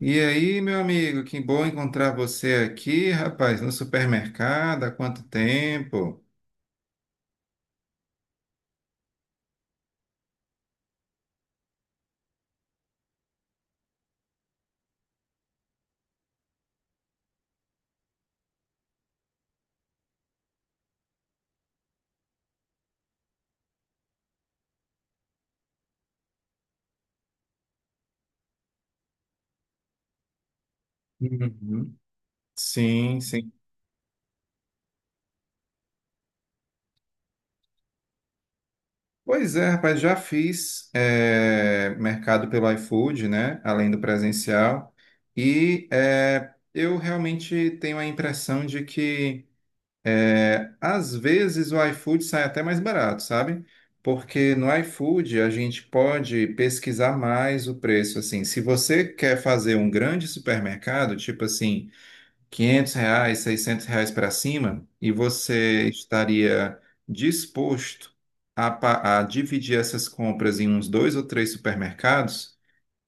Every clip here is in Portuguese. E aí, meu amigo, que bom encontrar você aqui, rapaz, no supermercado, há quanto tempo? Uhum. Sim, sim. Pois é, rapaz, já fiz mercado pelo iFood, né? Além do presencial. E eu realmente tenho a impressão de que às vezes o iFood sai até mais barato, sabe? Porque no iFood a gente pode pesquisar mais o preço, assim. Se você quer fazer um grande supermercado, tipo assim, R$ 500, R$ 600 para cima, e você estaria disposto a dividir essas compras em uns dois ou três supermercados,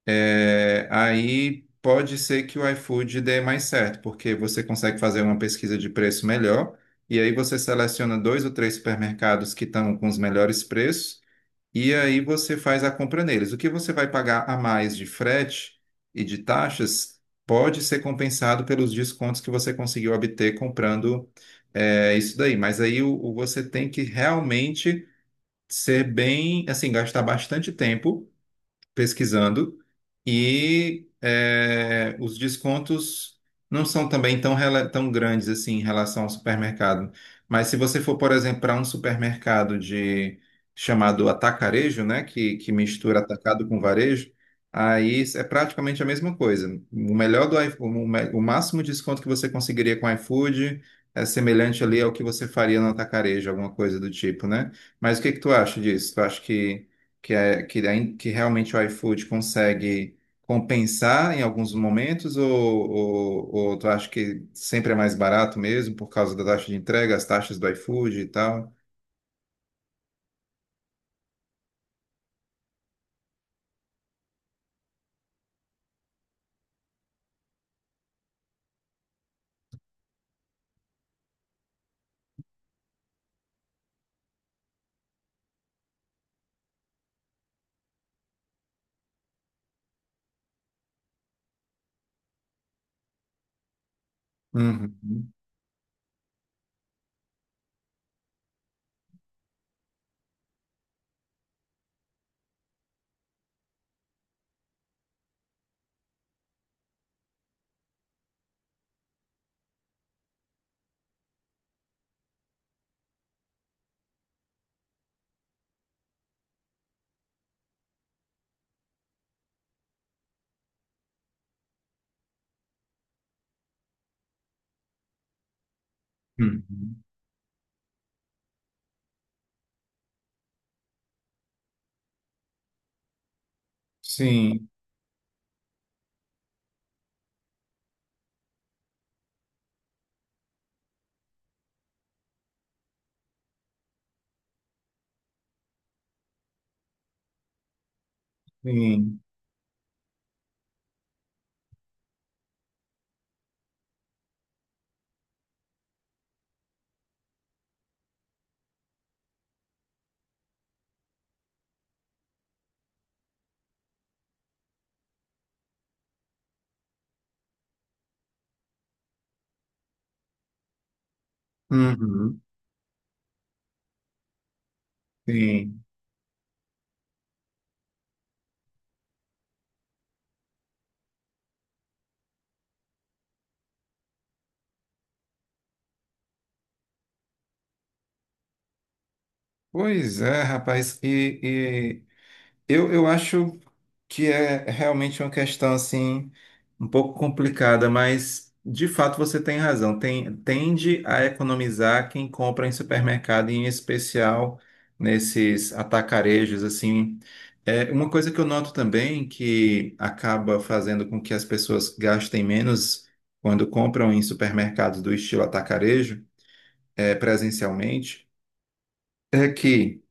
aí pode ser que o iFood dê mais certo, porque você consegue fazer uma pesquisa de preço melhor, e aí você seleciona dois ou três supermercados que estão com os melhores preços, e aí você faz a compra neles. O que você vai pagar a mais de frete e de taxas pode ser compensado pelos descontos que você conseguiu obter comprando, isso daí. Mas aí você tem que realmente ser bem, assim, gastar bastante tempo pesquisando e os descontos não são também tão grandes assim em relação ao supermercado. Mas se você for, por exemplo, para um supermercado de chamado atacarejo, né, que mistura atacado com varejo, aí é praticamente a mesma coisa. O melhor do iFood, o máximo de desconto que você conseguiria com o iFood é semelhante ali ao que você faria no atacarejo, alguma coisa do tipo, né? Mas o que que tu acha disso? Tu acha que, é, que, ain- que realmente o iFood consegue compensar em alguns momentos, ou tu acha que sempre é mais barato mesmo por causa da taxa de entrega, as taxas do iFood e tal? Uhum. Uhum. Sim, sim. Uhum. Sim. Pois é, rapaz. Eu acho que é realmente uma questão assim um pouco complicada, mas de fato você tem razão. Tende a economizar quem compra em supermercado, em especial nesses atacarejos assim. É uma coisa que eu noto também que acaba fazendo com que as pessoas gastem menos quando compram em supermercados do estilo atacarejo, presencialmente, é que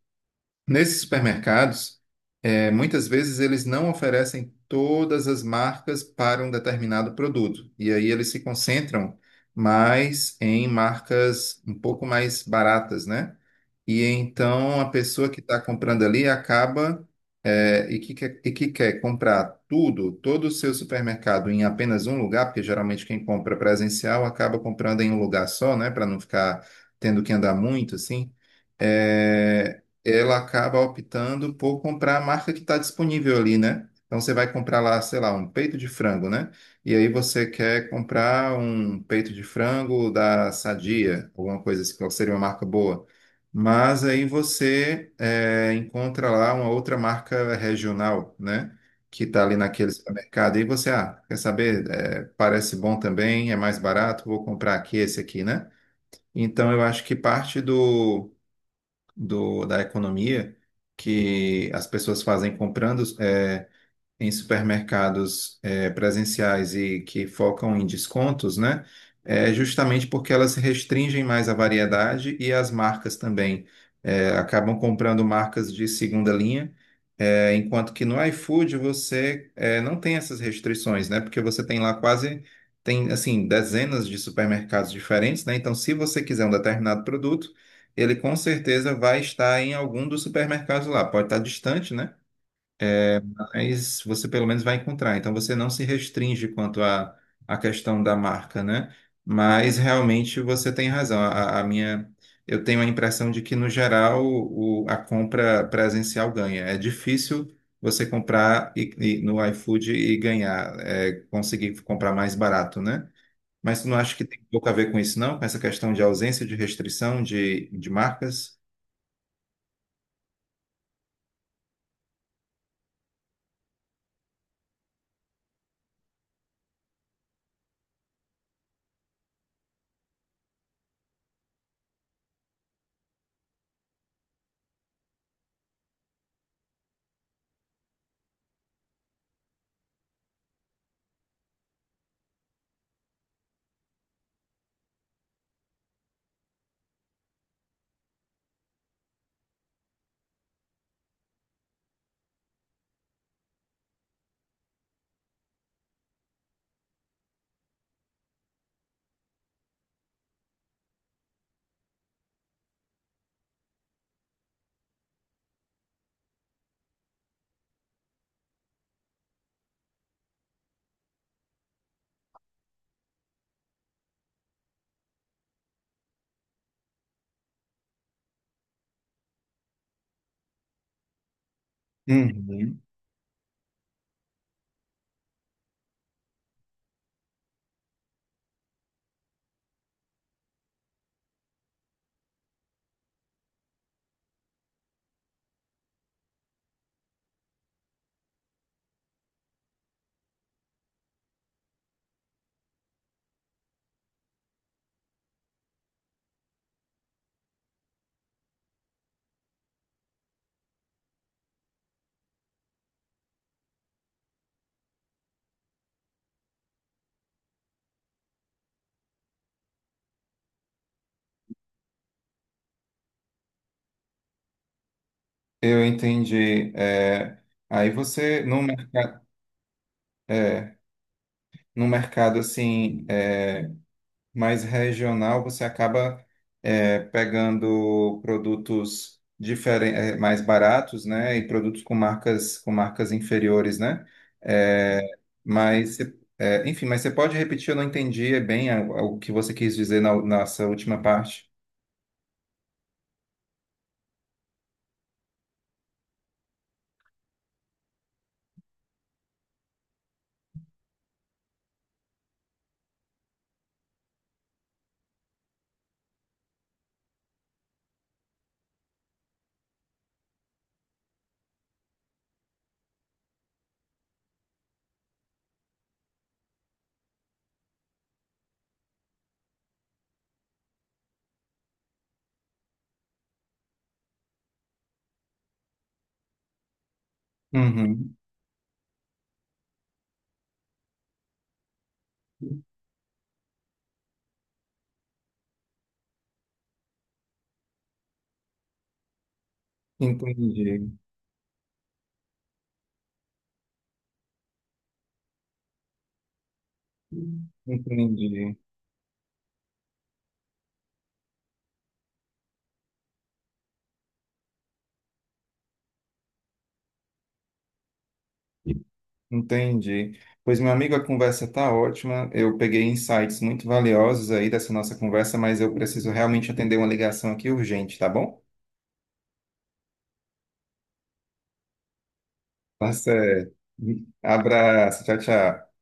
nesses supermercados, muitas vezes eles não oferecem todas as marcas para um determinado produto. E aí eles se concentram mais em marcas um pouco mais baratas, né? E então a pessoa que está comprando ali acaba que quer comprar tudo, todo o seu supermercado em apenas um lugar, porque geralmente quem compra presencial acaba comprando em um lugar só, né, para não ficar tendo que andar muito assim. Ela acaba optando por comprar a marca que está disponível ali, né? Então você vai comprar lá, sei lá, um peito de frango, né? E aí você quer comprar um peito de frango da Sadia, alguma coisa assim, qual seria uma marca boa, mas aí você encontra lá uma outra marca regional, né? Que está ali naquele supermercado. E você, ah, quer saber? É, parece bom também, é mais barato, vou comprar aqui esse aqui, né? Então eu acho que parte do, do da economia que as pessoas fazem comprando, em supermercados presenciais e que focam em descontos, né? É justamente porque elas restringem mais a variedade e as marcas também acabam comprando marcas de segunda linha, enquanto que no iFood você não tem essas restrições, né? Porque você tem lá quase tem assim dezenas de supermercados diferentes, né? Então, se você quiser um determinado produto, ele com certeza vai estar em algum dos supermercados lá. Pode estar distante, né? Mas você pelo menos vai encontrar. Então você não se restringe quanto à questão da marca, né? Mas realmente você tem razão. Eu tenho a impressão de que no geral a compra presencial ganha. É difícil você comprar e no iFood e ganhar, conseguir comprar mais barato, né? Mas tu não acha que tem pouco a ver com isso, não? Com essa questão de ausência de restrição de marcas? Uhum. Eu entendi. É, aí você não. É, no mercado assim é, mais regional, você acaba pegando produtos mais baratos, né, e produtos com marcas inferiores, né? É, enfim, você pode repetir? Eu não entendi é bem o que você quis dizer na nossa última parte. Uhum. Entendi, entendi. Entendi. Pois, meu amigo, a conversa está ótima. Eu peguei insights muito valiosos aí dessa nossa conversa, mas eu preciso realmente atender uma ligação aqui urgente, tá bom? Tá certo. Abraço, tchau, tchau.